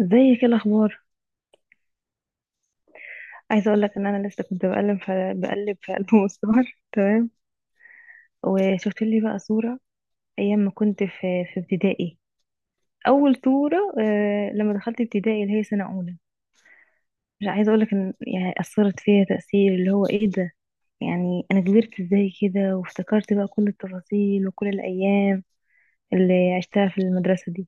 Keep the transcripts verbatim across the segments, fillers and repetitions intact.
ازيك؟ ايه الاخبار؟ عايزه اقول لك ان انا لسه كنت بقلب في بقلب في البوم الصور تمام. وشفت لي بقى صوره ايام ما كنت في في ابتدائي. اول صوره، آه لما دخلت ابتدائي اللي هي سنه اولى. مش عايزه اقول لك ان يعني اثرت فيها تاثير اللي هو ايه ده. يعني انا كبرت ازاي كده، وافتكرت بقى كل التفاصيل وكل الايام اللي عشتها في المدرسه دي.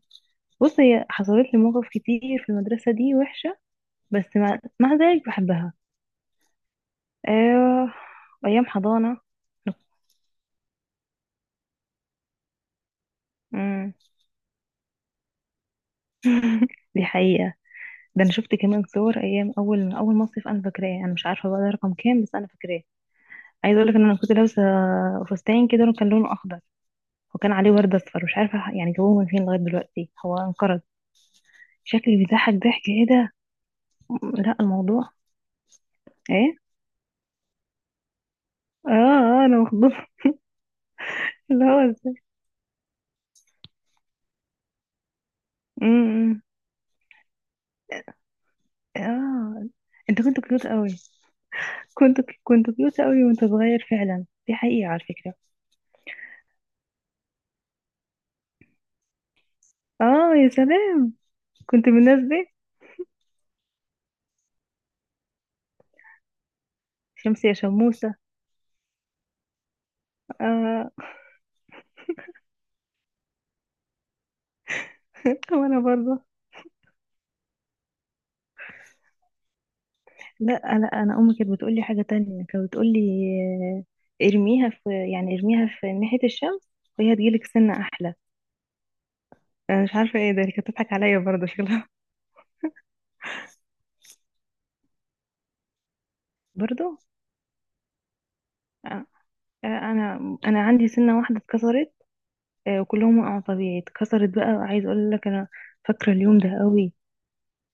بص، هي حصلت لي مواقف كتير في المدرسة دي وحشة، بس مع, مع ذلك بحبها. آه... أيام حضانة. امم. دي حقيقة. ده انا شفت كمان صور ايام اول اول مصيف، انا فاكراه. انا مش عارفة بقى ده رقم كام، بس انا فاكراه. عايزة اقول لك ان انا كنت لابسة فستان كده كان لونه اخضر، وكان عليه ورد اصفر. مش عارفة يعني جابوه من فين، لغاية دلوقتي هو انقرض. شكلي بيضحك ضحك، ايه ده؟ م- لا، الموضوع... ايه؟ اه، اه، انا مخضوضة. اللي هو ازاي؟ امم. اه، انت كنت كيوت قوي. كنت كنت كيوت قوي وانت صغير، فعلا دي حقيقة على فكرة. اه، يا سلام. كنت من الناس دي. شمس يا شموسة. آه. وانا برضه. لا، لا، انا امي كانت بتقول لي حاجه تانية. كانت بتقول لي، آه، ارميها في يعني ارميها في ناحيه الشمس، وهي هتجيلك سنه احلى. انا مش عارفه ايه ده، هي كانت بتضحك عليا برضه شكلها. برضه. آه. آه، انا انا عندي سنه واحده اتكسرت. آه، وكلهم وقعوا طبيعي، اتكسرت بقى. عايز اقول لك، انا فاكره اليوم ده قوي.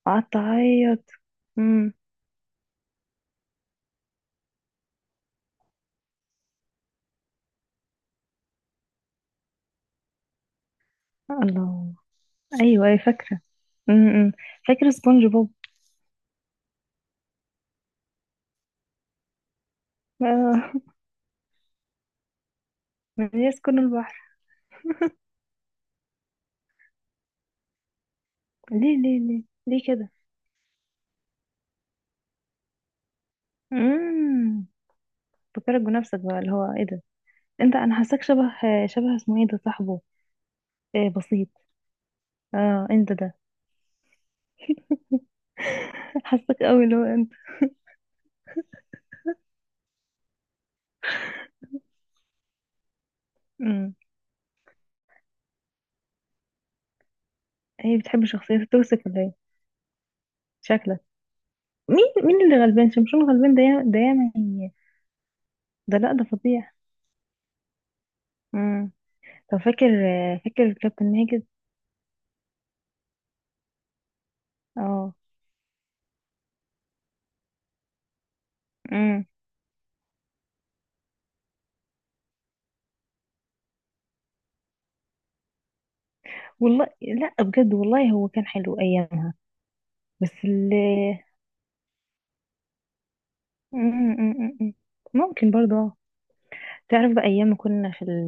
قعدت اعيط. امم. الله. ايوه، أيوة، فاكره. امم. فاكره سبونج بوب. آه. من يسكن البحر. ليه، ليه، ليه؟ ليه كده؟ امم. فكرك بنفسك بقى، اللي هو ايه ده. انت انا حاساك شبه شبه، اسمه ايه، ده صاحبه؟ إيه، بسيط. اه، انت ده. حاساك قوي اللي هو انت. امم. هي بتحب شخصيته توسك ولا ايه؟ شكلك. مين، مين اللي غلبان؟ شمشون غلبان؟ ده يا- ده ياما هي- ده لا، ده فظيع. امم. طب فاكر فاكر كابتن ماجد؟ اه. امم. والله لا، بجد والله هو كان حلو ايامها. بس اللي... مم، مم، مم، مم. ممكن برضه. آه. تعرف بقى ايام ما كنا في ال...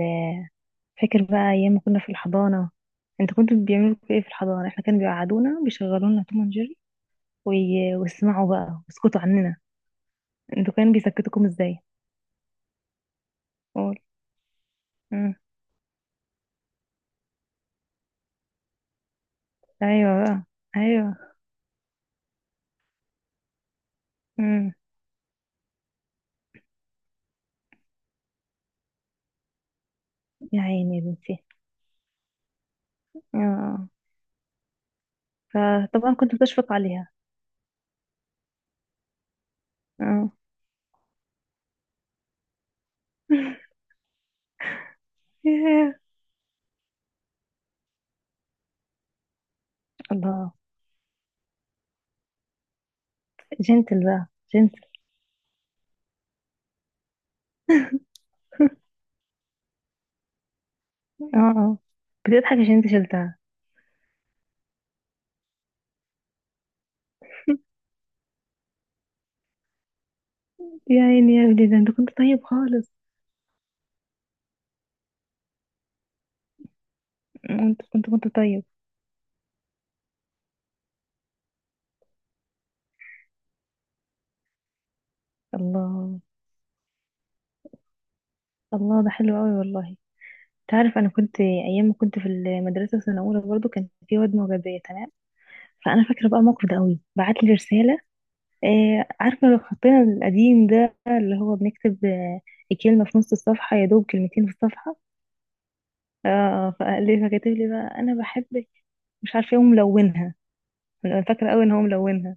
فاكر بقى ايام ما كنا في الحضانه؟ انت كنت بيعملوا فيكوا ايه في الحضانه؟ احنا كانوا بيقعدونا، بيشغلونا توم اند جيري، وي- ويسمعوا بقى ويسكتوا عننا. انتوا كانوا بيسكتوكم ازاي؟ قول. مم. ايوه بقى. ايوه. مم. يا عيني يا بنتي. اه. فطبعا كنت بتشفق عليها. اه. ياه. الله. جنتل بقى. جنتل. اه، اه، بتضحك عشان انت شلتها. يا عيني يا ابني، ده انت كنت طيب خالص. انت كنت كنت طيب. الله، الله، ده حلو قوي والله. تعرف، انا كنت ايام ما كنت في المدرسه السنه الاولى برضو، كان في واد معجبيه تمام. فانا فاكره بقى الموقف ده قوي، بعت لي رساله. آه، عارفه لو حطينا القديم ده، اللي هو بنكتب، آه الكلمه في نص الصفحه، يا دوب كلمتين في الصفحه. اه، فقال لي فكتب لي بقى، انا بحبك، مش عارفه ايه، وملونها. انا فاكره قوي ان هو ملونها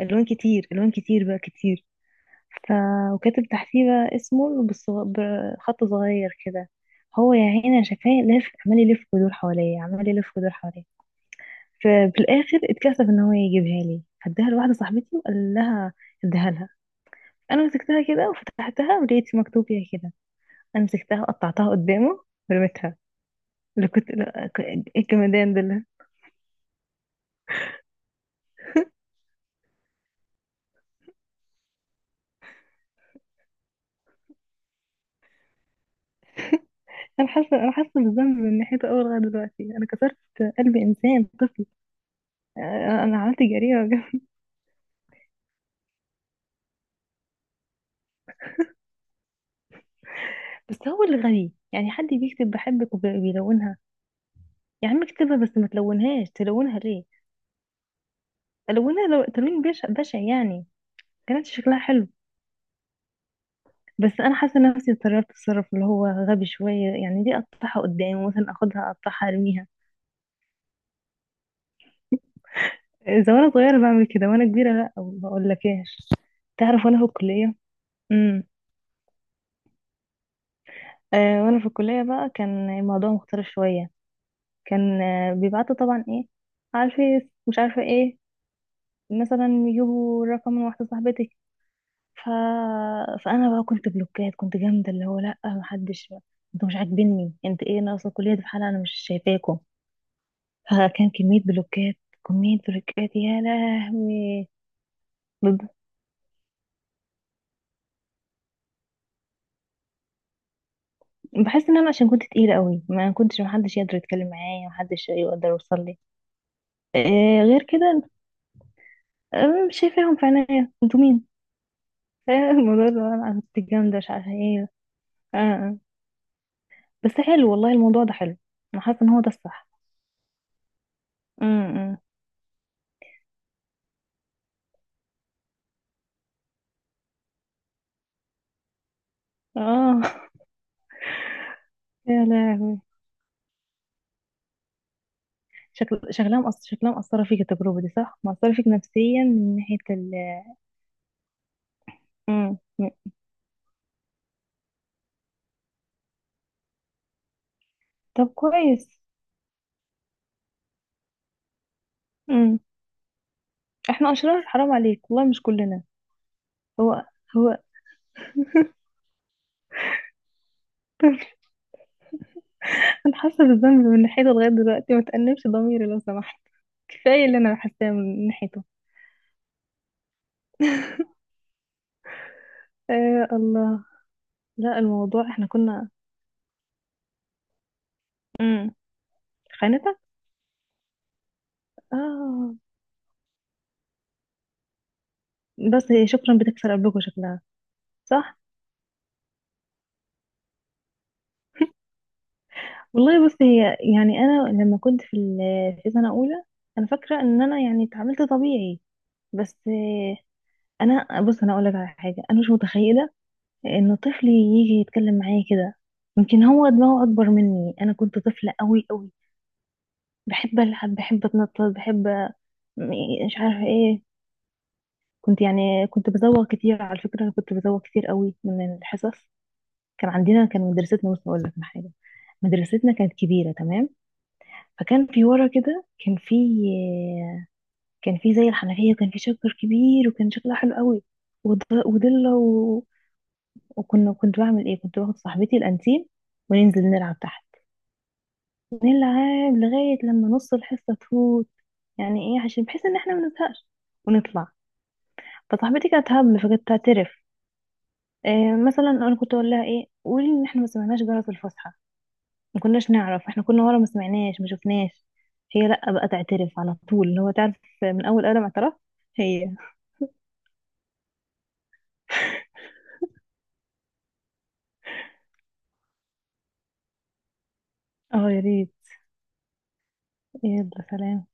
الوان كتير، الوان كتير بقى كتير. ف وكاتب تحتيه بقى اسمه بالصغ- بخط صغير كده. هو يا عيني أنا شايفاه لف، عمال يلف ويدور حواليا، عمال يلف ويدور حواليا. ففي الاخر اتكسف ان هو يجيبها لي، هداها لواحده صاحبتي وقال لها اديها لها. انا مسكتها كده وفتحتها ولقيت مكتوب فيها كده، انا مسكتها وقطعتها قدامه ورميتها. اللي كنت لا- ك- ايه الجمدان ده اللي- انا حاسه انا حاسه بالذنب من ناحيته اول لغايه دلوقتي، انا كسرت قلب انسان طفل. آه، انا عملت جريمه بجد. بس هو اللي غبي، يعني حد بيكتب بحبك وبيلونها؟ يا عم اكتبها بس، ما تلونهاش، تلونها ليه؟ الونها لو تلوين بشع، بشع يعني. كانت شكلها حلو، بس انا حاسه نفسي اتطرفت تصرف اللي هو غبي شويه، يعني دي اقطعها قدامي مثلا، اخدها اقطعها ارميها؟ اذا وانا صغيره بعمل كده، وانا كبيره لا، ما اقولكاش. تعرف وانا في الكليه... امم. آه، وانا في الكليه بقى كان الموضوع مختلف شويه. كان، آه بيبعتوا طبعا ايه على الفيس، مش عارفه ايه، مثلا يجيبوا رقم من واحده صاحبتي. ف... فانا بقى كنت بلوكات، كنت جامده اللي هو لا، محدش. انتوا مش عاجبيني، انت ايه ناقصه؟ الكليه دي في حالها، انا مش شايفاكم. فكان كمية بلوكات، كمية بلوكات يا لهوي. بب- بحس ان انا عشان كنت تقيلة قوي، ما كنتش محدش يقدر يتكلم معايا، محدش يقدر يوصل لي آه غير كده. آه، مش شايفاهم في عينيا، انتوا مين؟ آه، الموضوع اللي هو انا كنت جامدة، مش عارفة ايه. آه، آه. بس حلو والله الموضوع ده، حلو. انا حاسة ان هو ده الصح. امم. اه. يا لهوي. شكل شكلها مأثر شكلها مأثرة فيك التجربة دي، صح؟ مأثرة فيك نفسيا من ناحية ال... مم. طب كويس. احنا اشرار؟ حرام عليك والله، مش كلنا. هو هو انا حاسه بالذنب من ناحيته لغايه دلوقتي، ما تأنبش ضميري لو سمحت. كفايه اللي انا حاساه من ناحيته. آه الله. لا، الموضوع احنا كنا... امم. خانتك. اه. بس هي شكرا بتكسر قبلكوا شكلها. صح. والله بص، هي يعني انا لما كنت في ال- في سنه اولى، انا فاكره ان انا يعني اتعاملت طبيعي، بس آه. انا بص، انا اقول لك على حاجه، انا مش متخيله انه طفلي يجي يتكلم معايا كده. يمكن هو دماغه اكبر مني، انا كنت طفلة قوي قوي، بحب العب، بحب اتنطط، بحب... م- مش عارفة ايه. كنت يعني كنت بزوغ كتير على فكرة، انا كنت بزوغ كتير قوي من الحصص. كان عندنا كان مدرستنا، بص اقول لك على حاجة، مدرستنا كانت كبيرة تمام. فكان في ورا كده، كان في كان في زي الحنفية، وكان في شجر كبير، وكان شكلها حلو قوي، وض- وضلة، و... وكنا، كنت بعمل ايه، كنت باخد صاحبتي الانتيم وننزل نلعب تحت، نلعب لغاية لما نص الحصة تفوت، يعني ايه عشان بحيث ان احنا ما نزهقش ونطلع. فصاحبتي كانت هبل، فكانت تعترف. إيه، مثلا انا كنت اقول لها، ايه قولي ان احنا ما سمعناش جرس الفسحة، ما كناش نعرف، احنا كنا ورا، ما سمعناش، ما شفناش. هي لا، بقى تعترف على طول، اللي هو تعرف، من اول قلم اعتراف. هي... اه، يا ريت. يلا، سلام.